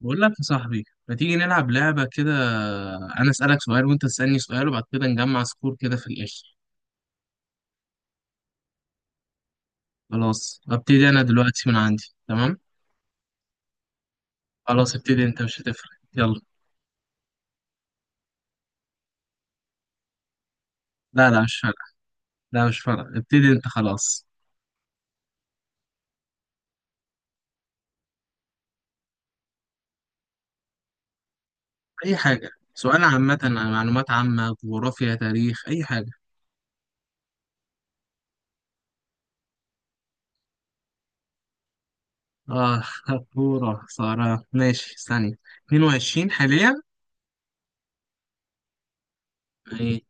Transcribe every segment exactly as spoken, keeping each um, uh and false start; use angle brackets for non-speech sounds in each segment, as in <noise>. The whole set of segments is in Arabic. بقول لك يا صاحبي ما تيجي نلعب لعبة كده. أنا أسألك سؤال وأنت تسألني سؤال وبعد كده نجمع سكور كده في الآخر. خلاص أبتدي أنا دلوقتي من عندي، تمام. خلاص ابتدي أنت مش هتفرق، يلا. لا لا، مش فارقة. لا مش فارقة، ابتدي أنت خلاص. أي حاجة سؤال عامة. معلومات عامة، جغرافيا، تاريخ، أي حاجة. آه <laughs> كورة، سارة ماشي ثانية. اتنين وعشرين حاليا. إيه؟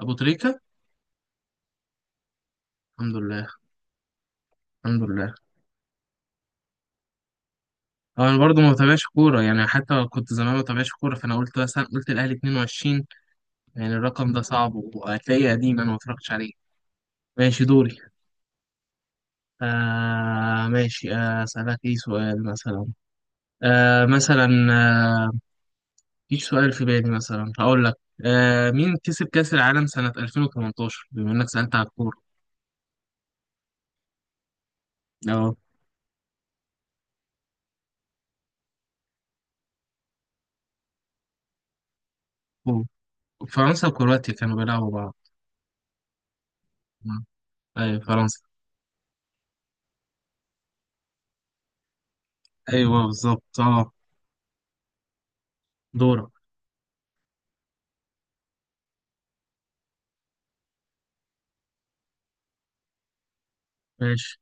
أبو تريكة. الحمد لله. الحمد لله. هو انا برضه ما بتابعش كوره، يعني حتى كنت زمان ما بتابعش كوره، فانا قلت مثلا قلت الاهلي اتنين وعشرين. يعني الرقم ده صعب وهتلاقيه قديم، انا ما اتفرجتش عليه. ماشي دوري. آه ماشي آه، اسالك ايه سؤال مثلا. آه مثلا آه مفيش سؤال في بالي، مثلا هقول لك. آه مين كسب كاس العالم سنه ألفين وتمنتاشر، بما انك سالت على الكوره. اه، هو. فرنسا وكرواتيا كانوا بيلعبوا بعض. مم. ايوه فرنسا. ايوه بالظبط، اه. دورك. ماشي،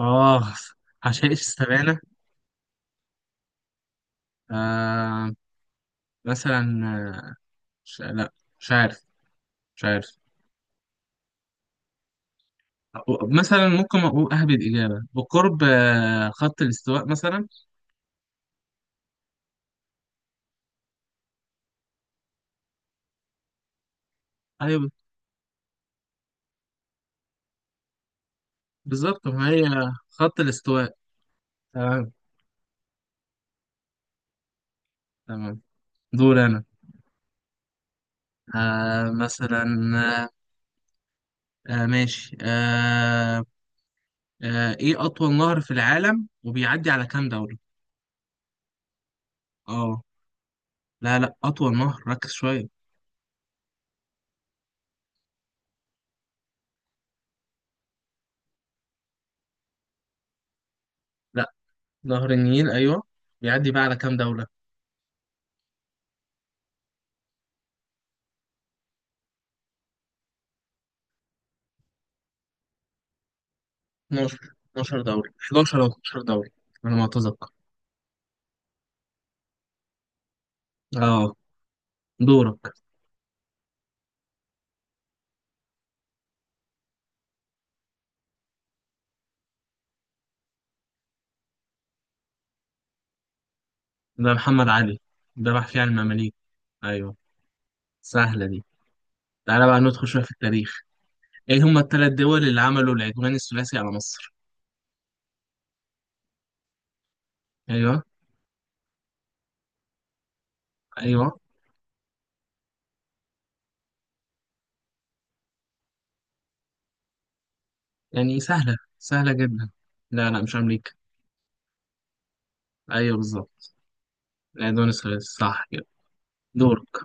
اه. عشان ايش استبعدنا. آه مثلا آه، ش- لا، مش عارف، مش عارف. مثلا ممكن أقول أهبد إجابة بقرب آه، خط الاستواء مثلا. أيوه بالظبط، ما هي خط الاستواء. تمام. تمام. دور أنا. آه مثلا آه آه، ماشي آه آه إيه أطول نهر في العالم وبيعدي على كام دولة؟ أه، لا لا، أطول نهر، ركز شوية. لا، نهر النيل أيوه. بيعدي بقى على كام دولة؟ اتناشر. اتناشر دوري، حداشر او اتناشر دوري، على ما اتذكر. اه. دورك. ده محمد علي. ده محفي عن المماليك. ايوه. سهله دي. تعالى بقى ندخل شويه في التاريخ. ايه هما الثلاث دول اللي عملوا العدوان الثلاثي على مصر؟ ايوه. ايوه. يعني سهله سهله جدا. لا لا، مش امريكا. ايوه بالظبط، العدوان الثلاثي صح كده. دورك.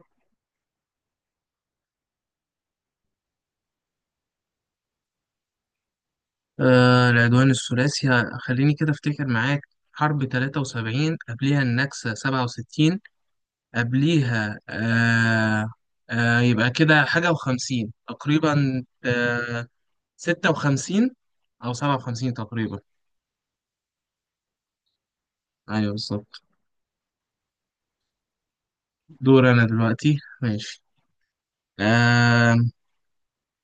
آه العدوان الثلاثي، خليني كده افتكر معاك. حرب تلاتة وسبعين، قبلها النكسة سبعة وستين، قبليها آه آه يبقى كده حاجة وخمسين تقريبا، آه ستة وخمسين أو سبعة وخمسين تقريبا. أيوه بالظبط. دور أنا دلوقتي، ماشي. آه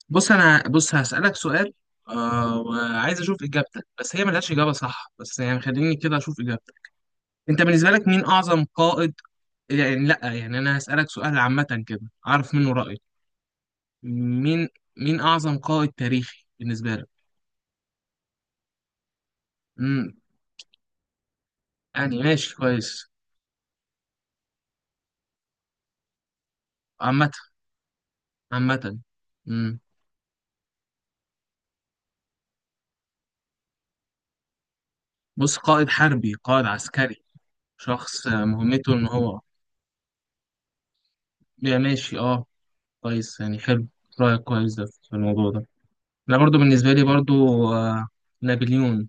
بص أنا، بص هسألك سؤال، آه وعايز أشوف إجابتك، بس هي ملهاش إجابة صح، بس يعني خليني كده أشوف إجابتك. أنت بالنسبة لك مين أعظم قائد؟ يعني لأ، يعني أنا هسألك سؤال عامة كده، أعرف منه رأيك. مين، مين أعظم قائد تاريخي بالنسبة لك؟ مم، يعني ماشي كويس. عامة. عامة. مم. بص، قائد حربي، قائد عسكري، شخص آه، مهمته ان هو. يا ماشي اه. كويس، يعني حلو. رأيك كويس ده في الموضوع ده. انا برضو بالنسبة لي برضو آه، نابليون.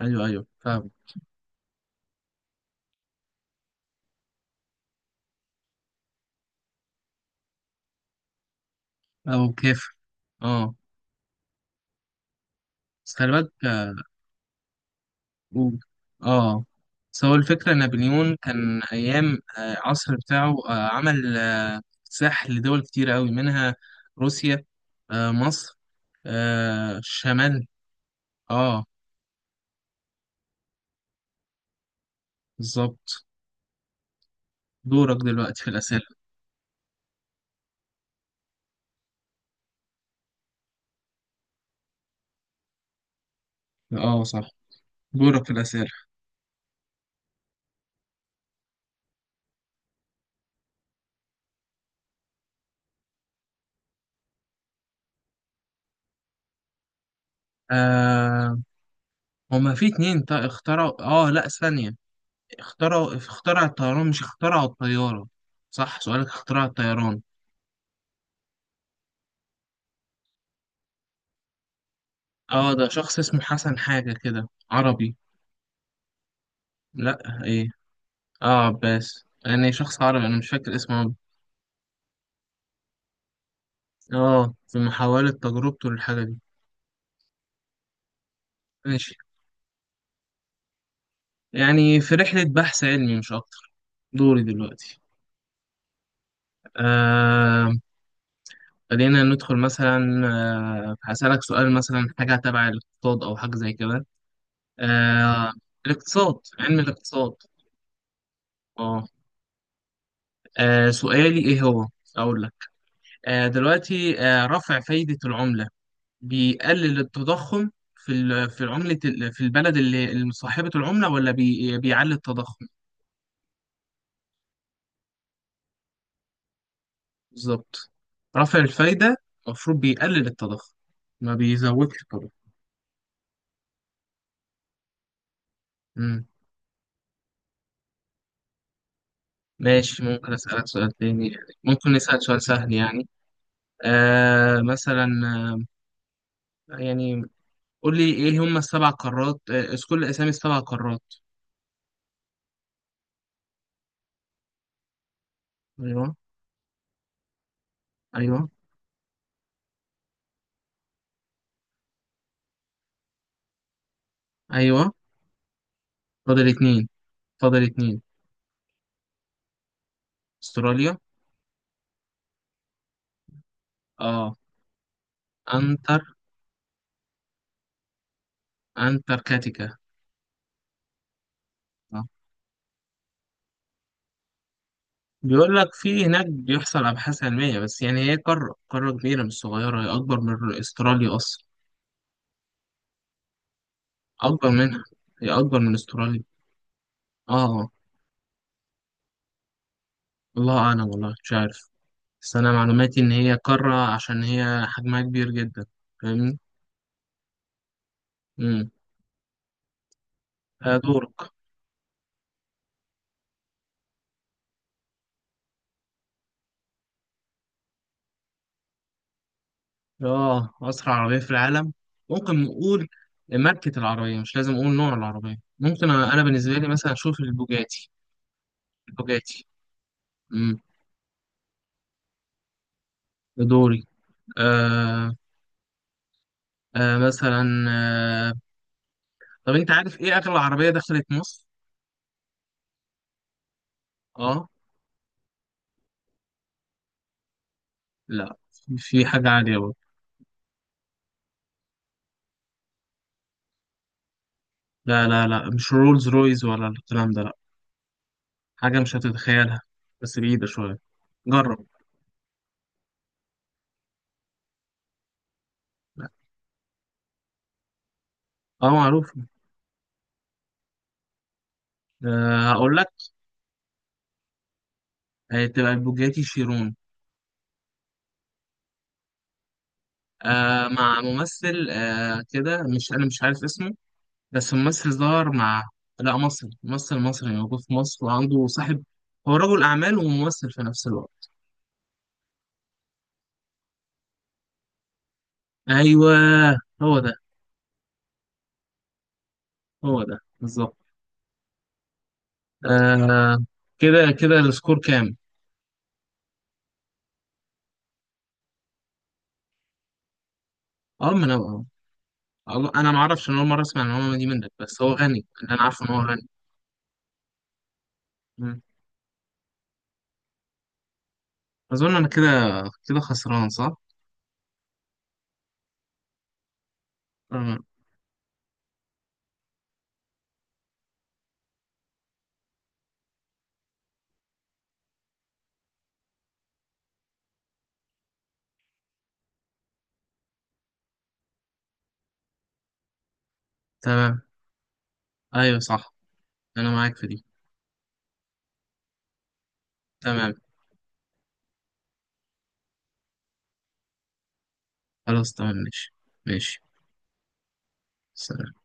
ايوه ايوه، فاهم. او كيف، اه. بس خلي بالك. مم. اه بس هو الفكرة نابليون كان أيام آه، عصر بتاعه، آه، عمل آه، ساح لدول كتير أوي منها روسيا، آه، مصر، آه، الشمال. اه بالظبط. دورك دلوقتي في الأسئلة. اه صح. دورك في الأسئلة. آه هما في اتنين تا- اخترعوا، اه لا ثانية، اخترعوا اخترع الطيران مش اخترعوا الطيارة. صح، سؤالك اخترع الطيران. اه ده شخص اسمه حسن حاجة كده عربي. لا، إيه؟ اه عباس، يعني شخص عربي انا مش فاكر اسمه أوي. اه في محاولة تجربته للحاجة دي. ماشي، يعني في رحلة بحث علمي مش أكتر. دوري دلوقتي. آه خلينا ندخل مثلا. آه هسألك سؤال مثلا، حاجة تبع الاقتصاد أو حاجة زي كده. آه الاقتصاد، علم الاقتصاد. اه. آه، سؤالي إيه هو؟ أقول لك. آه دلوقتي آه رفع فايدة العملة بيقلل التضخم في ال- في عملة ال- في البلد اللي اللي صاحبة العملة، ولا بي- بيعلي التضخم. بالظبط، رفع الفايدة المفروض بيقلل التضخم، ما بيزودش التضخم. مم. ماشي، ممكن أسألك سؤال تاني، يعني ممكن نسأل سؤال سهل يعني. آه مثلا آه، يعني قول لي إيه هم السبع قارات، آه، اذكر لي أسامي السبع قارات. أيوه. أيوه. أيوه. فاضل اتنين. فاضل اتنين. أستراليا. آه. أنتر أنتاركتيكا. آه. بيقول لك في هناك بيحصل أبحاث علمية، بس يعني هي قارة، قارة كبيرة مش صغيرة، هي أكبر من أستراليا أصلا. أكبر منها، هي أكبر من أستراليا. آه. الله أعلم، والله مش عارف. بس أنا معلوماتي إن هي قارة عشان هي حجمها كبير جدا. فاهمني؟ أمم. دورك. آه أسرع عربية في العالم، ممكن نقول ماركة العربية، مش لازم أقول نوع العربية، ممكن أنا، أنا بالنسبة لي مثلا أشوف البوجاتي. البوجاتي. أمم. دوري. آه آه مثلا آه، طب انت عارف ايه اغلى عربيه دخلت مصر؟ اه لا، في في حاجه عاليه برضه. لا لا لا، مش رولز رويز ولا الكلام ده، لا. حاجه مش هتتخيلها. بس بعيده شويه، جرب. لا. اه معروف. آه هقول لك، هتبقى البوجاتي شيرون. آه مع ممثل آه كده، مش انا مش عارف اسمه، بس ممثل ظهر مع. لا مصري، ممثل مصري موجود في مصر، وعنده صاحب، هو رجل اعمال وممثل في نفس الوقت. ايوه، هو ده. هو ده بالظبط. آه. كده كده السكور كام؟ اه ما انا آه، الله- انا ما اعرفش، انا اول مره اسمع المعلومه دي منك، بس هو غني، اللي انا عارفه ان هو غني. مم. اظن انا كده، كده خسران صح؟ آه. تمام. ايوه صح، انا معاك في دي. تمام. خلاص، تمام ماشي. ماشي. سلام.